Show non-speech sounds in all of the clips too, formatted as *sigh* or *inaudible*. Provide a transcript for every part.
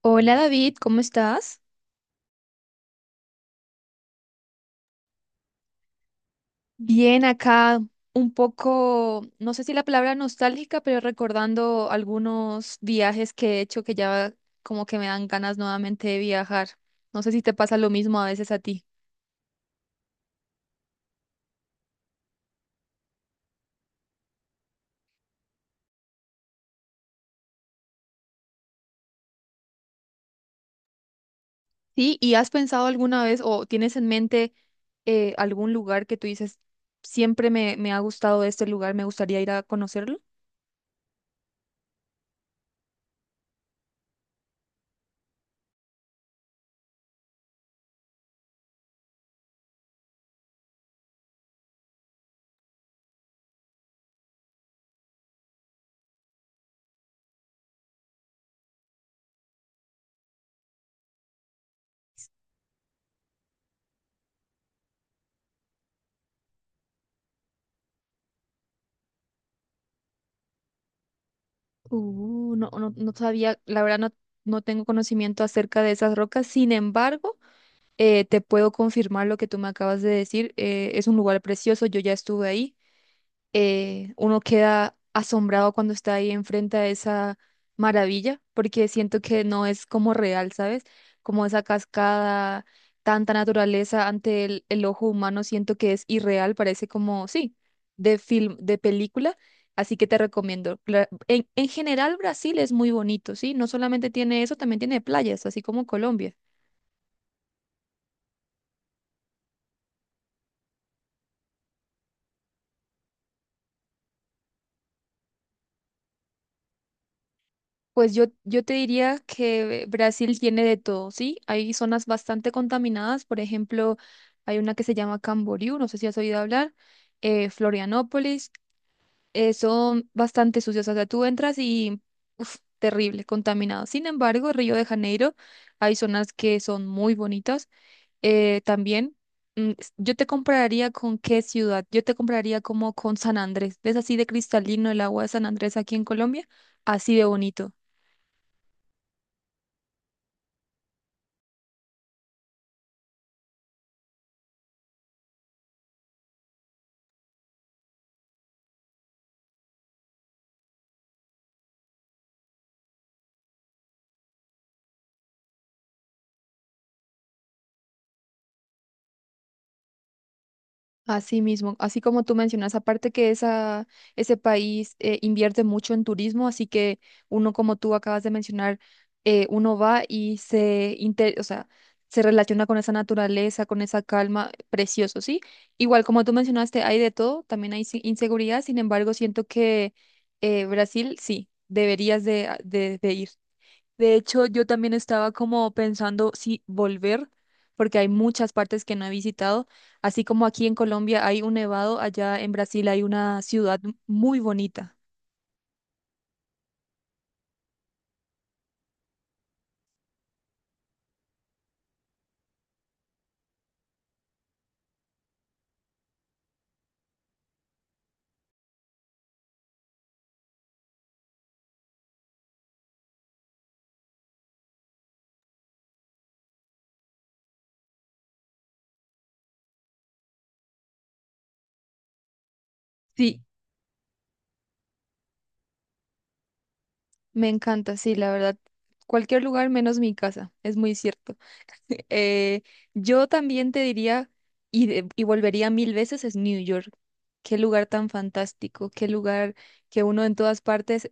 Hola David, ¿cómo estás? Bien acá, un poco, no sé si la palabra nostálgica, pero recordando algunos viajes que he hecho que ya como que me dan ganas nuevamente de viajar. No sé si te pasa lo mismo a veces a ti. Sí, ¿y has pensado alguna vez o tienes en mente algún lugar que tú dices, siempre me ha gustado este lugar, me gustaría ir a conocerlo? No, no, no sabía, la verdad no, no tengo conocimiento acerca de esas rocas, sin embargo. Te puedo confirmar lo que tú me acabas de decir. Es un lugar precioso, yo ya estuve ahí. Uno queda asombrado cuando está ahí enfrente a esa maravilla, porque siento que no es como real, ¿sabes? Como esa cascada, tanta naturaleza ante el ojo humano, siento que es irreal, parece como, sí, de film, de película. Así que te recomiendo. En general, Brasil es muy bonito, ¿sí? No solamente tiene eso, también tiene playas, así como Colombia. Pues yo te diría que Brasil tiene de todo, ¿sí? Hay zonas bastante contaminadas, por ejemplo, hay una que se llama Camboriú, no sé si has oído hablar, Florianópolis, son bastante sucias, o sea, tú entras y, uf, terrible, contaminado. Sin embargo, Río de Janeiro, hay zonas que son muy bonitas, también. Yo te compararía con qué ciudad, yo te compraría como con San Andrés, ¿ves así de cristalino el agua de San Andrés aquí en Colombia? Así de bonito. Así mismo, así como tú mencionas, aparte que esa, ese país invierte mucho en turismo, así que uno como tú acabas de mencionar, uno va y se, o sea, se relaciona con esa naturaleza, con esa calma, precioso, ¿sí? Igual como tú mencionaste, hay de todo, también hay inseguridad, sin embargo, siento que Brasil, sí, deberías de, de ir. De hecho, yo también estaba como pensando si volver, porque hay muchas partes que no he visitado. Así como aquí en Colombia hay un nevado, allá en Brasil hay una ciudad muy bonita. Sí, me encanta, sí, la verdad. Cualquier lugar menos mi casa, es muy cierto. Eh, yo también te diría, y, y volvería 1000 veces, es New York. Qué lugar tan fantástico, qué lugar que uno en todas partes,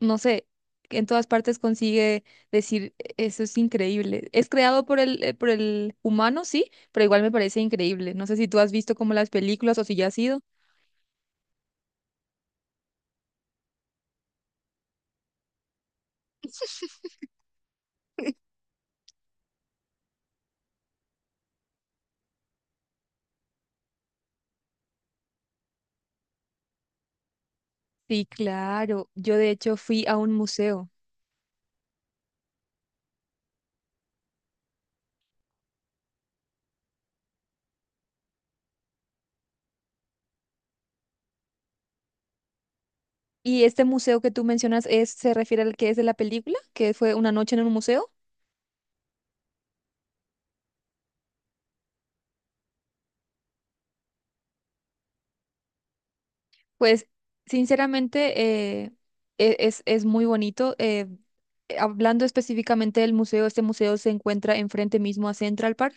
no sé, que en todas partes consigue decir, eso es increíble. Es creado por el humano, sí, pero igual me parece increíble. No sé si tú has visto como las películas o si ya has ido. Sí, claro. Yo de hecho fui a un museo. ¿Y este museo que tú mencionas es, se refiere al que es de la película, que fue una noche en un museo? Pues sinceramente es muy bonito. Hablando específicamente del museo, este museo se encuentra enfrente mismo a Central Park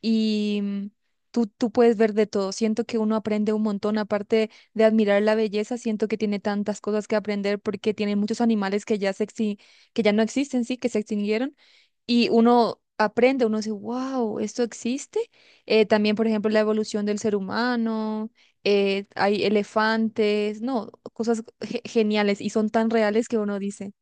y tú puedes ver de todo. Siento que uno aprende un montón, aparte de admirar la belleza, siento que tiene tantas cosas que aprender porque tiene muchos animales que ya, que ya no existen, sí, que se extinguieron y uno aprende, uno dice, wow, esto existe. También, por ejemplo, la evolución del ser humano, hay elefantes, no, cosas geniales y son tan reales que uno dice,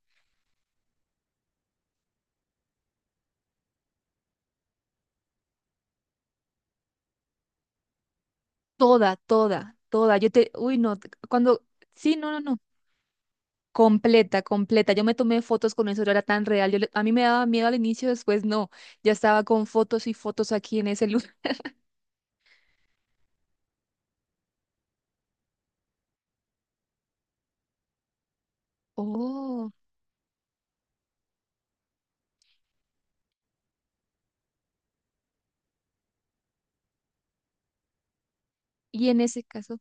toda, toda, toda. Yo te, uy, no, te- cuando, sí, no, no, no. Completa, completa. Yo me tomé fotos con eso, yo era tan real. Yo le- a mí me daba miedo al inicio, después no. Ya estaba con fotos y fotos aquí en ese lugar. *laughs* Oh, y en ese caso.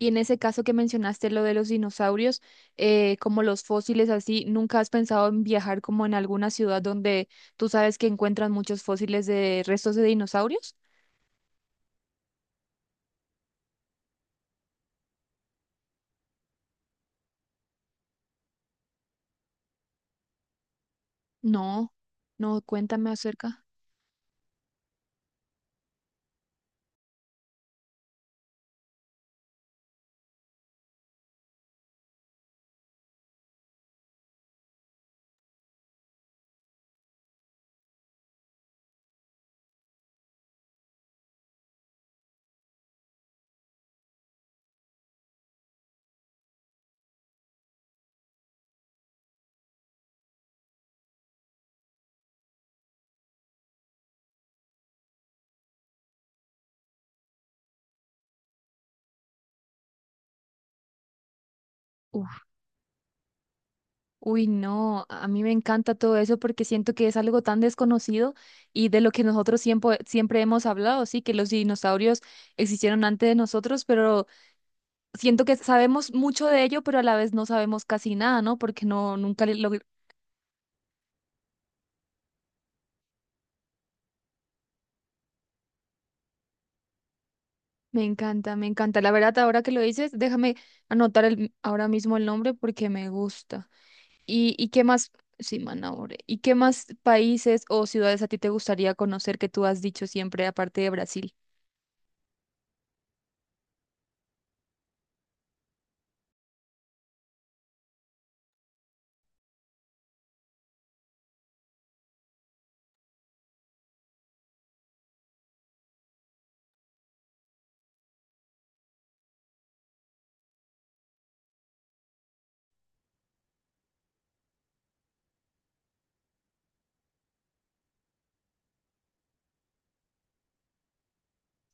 Y en ese caso que mencionaste lo de los dinosaurios, como los fósiles así, ¿nunca has pensado en viajar como en alguna ciudad donde tú sabes que encuentran muchos fósiles de restos de dinosaurios? No, no, cuéntame acerca. Uf, uy, no, a mí me encanta todo eso porque siento que es algo tan desconocido y de lo que nosotros siempre, siempre hemos hablado, sí, que los dinosaurios existieron antes de nosotros, pero siento que sabemos mucho de ello, pero a la vez no sabemos casi nada, ¿no? Porque no, nunca le- lo Me encanta, me encanta. La verdad, ahora que lo dices, déjame anotar el, ahora mismo el nombre porque me gusta. Y qué más? Sí, Manaure. ¿Y qué más países o ciudades a ti te gustaría conocer que tú has dicho siempre, aparte de Brasil?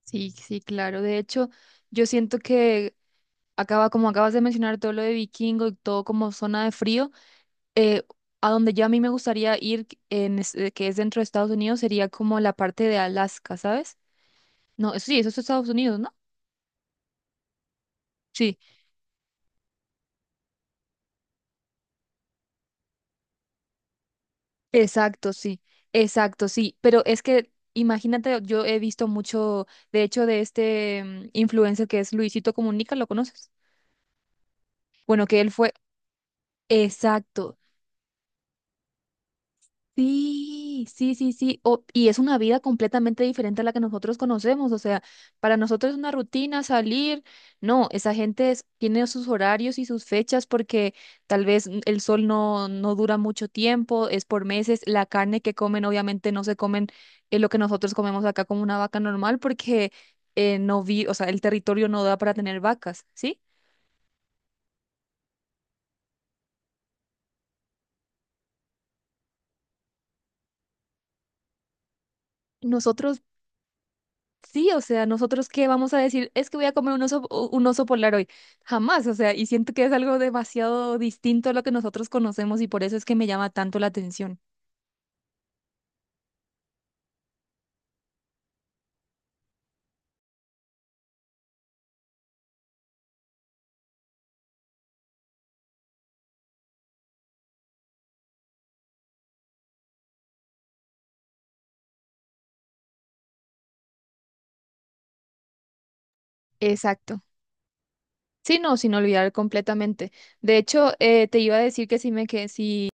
Sí, sí, claro. De hecho, yo siento que acaba, como acabas de mencionar todo lo de Vikingo y todo como zona de frío, eh, a donde yo a mí me gustaría ir, en, que es dentro de Estados Unidos, sería como la parte de Alaska, ¿sabes? No, eso sí, eso es Estados Unidos, ¿no? Sí. Exacto, sí, exacto, sí, pero es que imagínate, yo he visto mucho, de hecho, de este influencer que es Luisito Comunica, ¿lo conoces? Bueno, que él fue, exacto, sí, sí, sí, sí. O- y es una vida completamente diferente a la que nosotros conocemos. O sea, para nosotros es una rutina salir. No, esa gente tiene sus horarios y sus fechas porque tal vez n- el sol no, no dura mucho tiempo, es por meses. La carne que comen, obviamente, no se comen lo que nosotros comemos acá como una vaca normal porque no vi, o sea, el territorio no da para tener vacas, ¿sí? Nosotros sí, o sea, nosotros qué vamos a decir, es que voy a comer un oso, u- un oso polar hoy. Jamás, o sea, y siento que es algo demasiado distinto a lo que nosotros conocemos y por eso es que me llama tanto la atención. Exacto. Sí, no, sin olvidar completamente. De hecho, te iba a decir que si me, que si,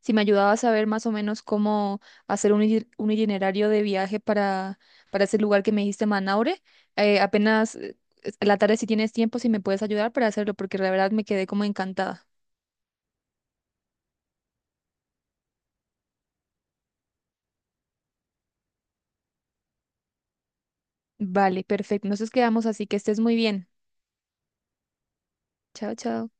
si me ayudabas a ver más o menos cómo hacer un, un itinerario de viaje para ese lugar que me dijiste, Manaure, apenas la tarde si tienes tiempo, si me puedes ayudar para hacerlo, porque la verdad me quedé como encantada. Vale, perfecto. Entonces quedamos así, que estés muy bien. Chao, chao.